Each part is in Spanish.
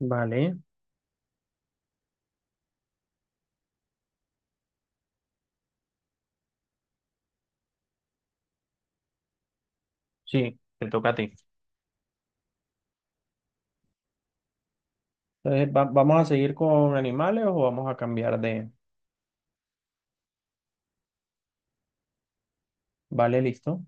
Vale. Sí, te toca a ti. Entonces, ¿vamos a seguir con animales o vamos a cambiar de... Vale, listo.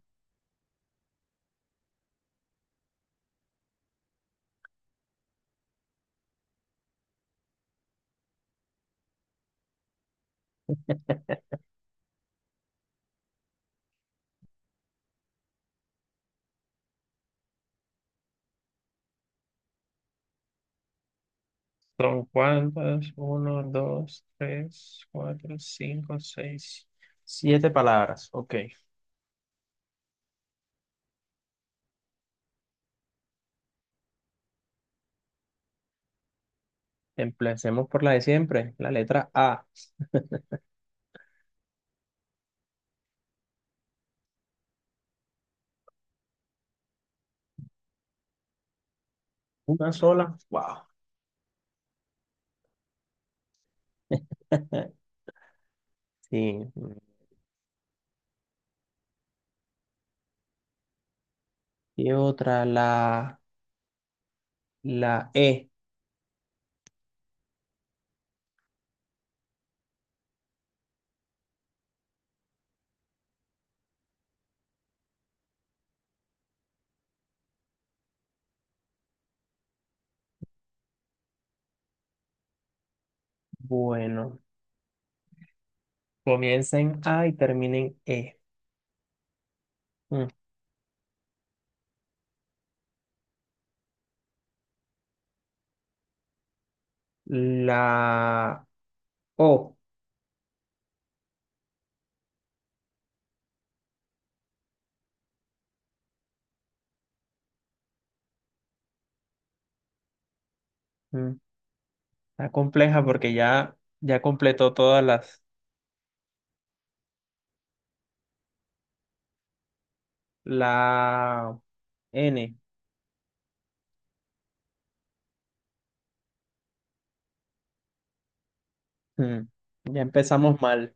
¿Son cuántas? Uno, dos, tres, cuatro, cinco, seis, siete palabras. Ok. Empecemos por la de siempre, la letra A. Una sola. Wow. Sí. Y otra, la E. Bueno, comiencen A y terminen E. Mm. La O. Mm. Está compleja porque ya completó todas las, la N. Hmm, Ya empezamos mal.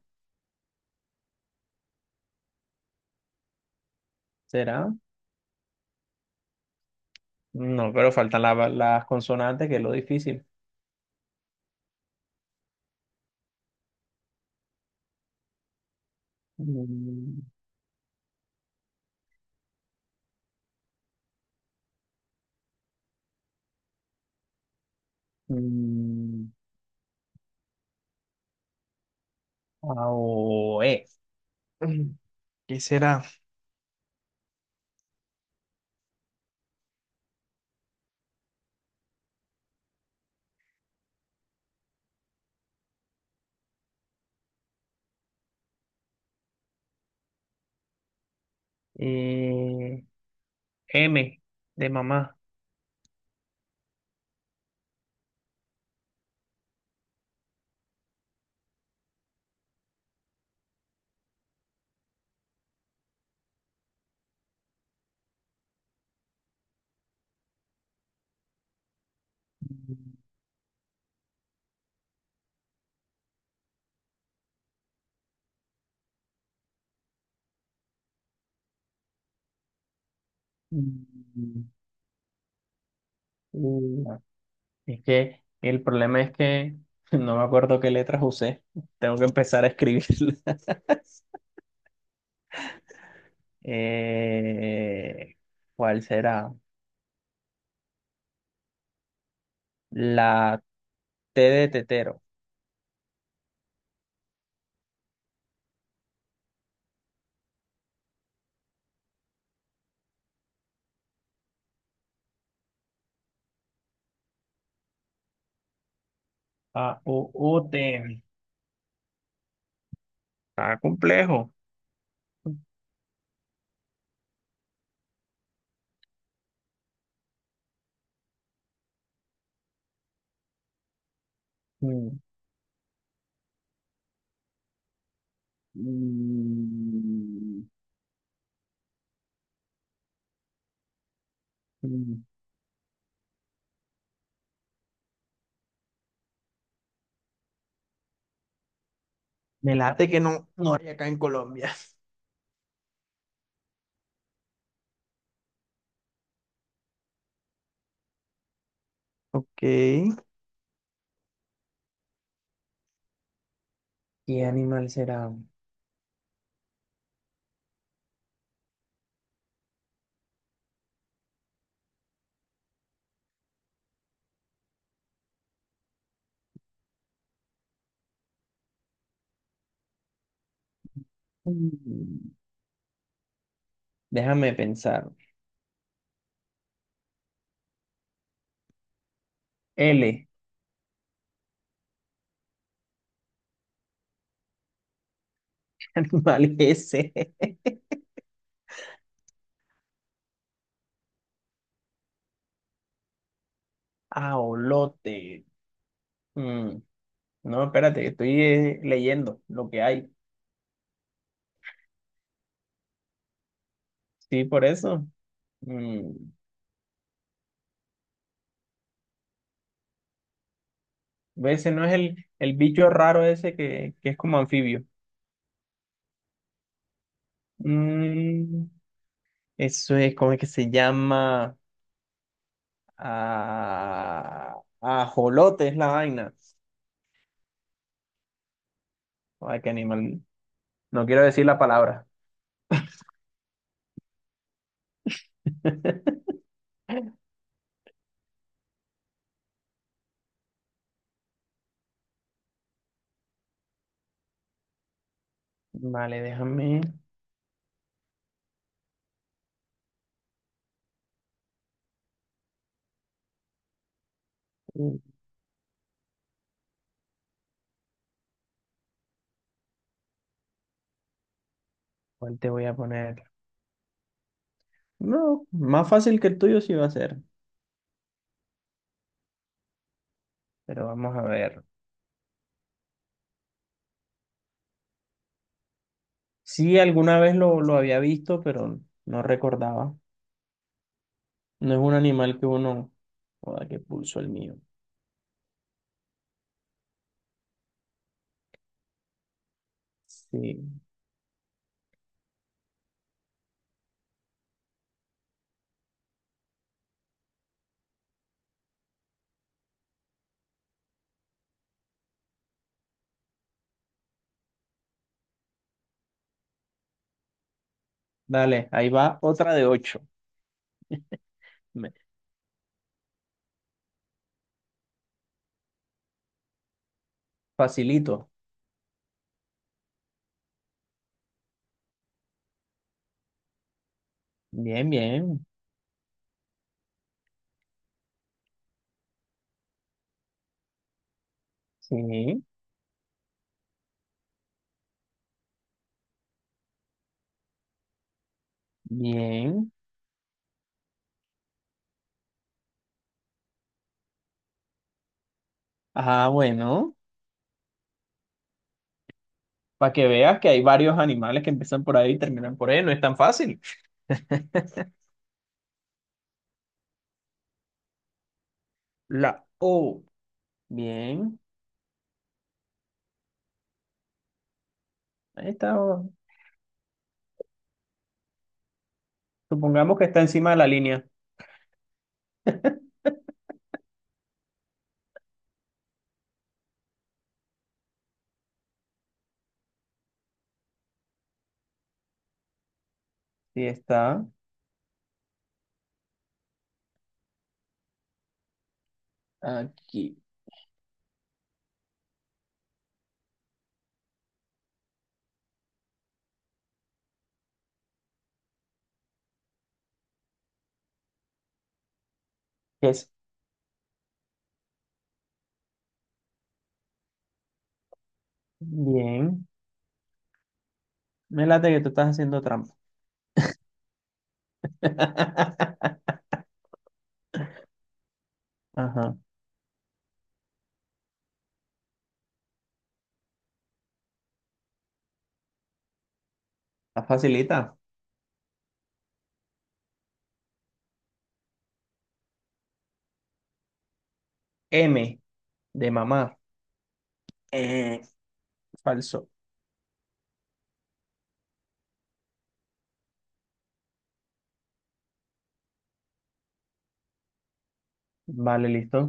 ¿Será? No, pero faltan las consonantes, que es lo difícil. Mm, mm, A o E. Mm, ¿Qué será? Eh, M de mamá. Mm, u. Es que el problema es que no me acuerdo qué letras usé. Tengo que empezar a escribirlas. Eh, ¿cuál será? La T de tetero. A, O U, T. Está complejo. Mm. Mm. Mm. Me late que no, no hay acá en Colombia. Ok. ¿Qué animal será? Mm, Déjame pensar. L. Animal S. Aolote. Mm, No, espérate, que estoy leyendo lo que hay. Sí, por eso. Mm, Ese no es el bicho raro ese que es como anfibio. Mm, eso es, ¿cómo es que se llama? Ah, ajolote es la vaina. Ay, qué animal. No quiero decir la palabra. Vale, déjame. uh, ¿Cuál te voy a poner? No, más fácil que el tuyo sí va a ser. Pero vamos a ver. Sí, alguna vez lo había visto, pero no recordaba. No es un animal que uno. Joda, qué pulso el mío. Sí. Dale, ahí va otra de ocho. Me- Facilito. Bien, bien. Sí, bien. Ah, bueno. Para que veas que hay varios animales que empiezan por ahí y terminan por E. No es tan fácil. La O. Bien. Ahí está. Supongamos que está encima de la línea. Sí, está aquí. Es. Bien. Me late que tú estás haciendo trampa. Ajá. La facilita. M de mamá. Eh, falso. Vale, listo.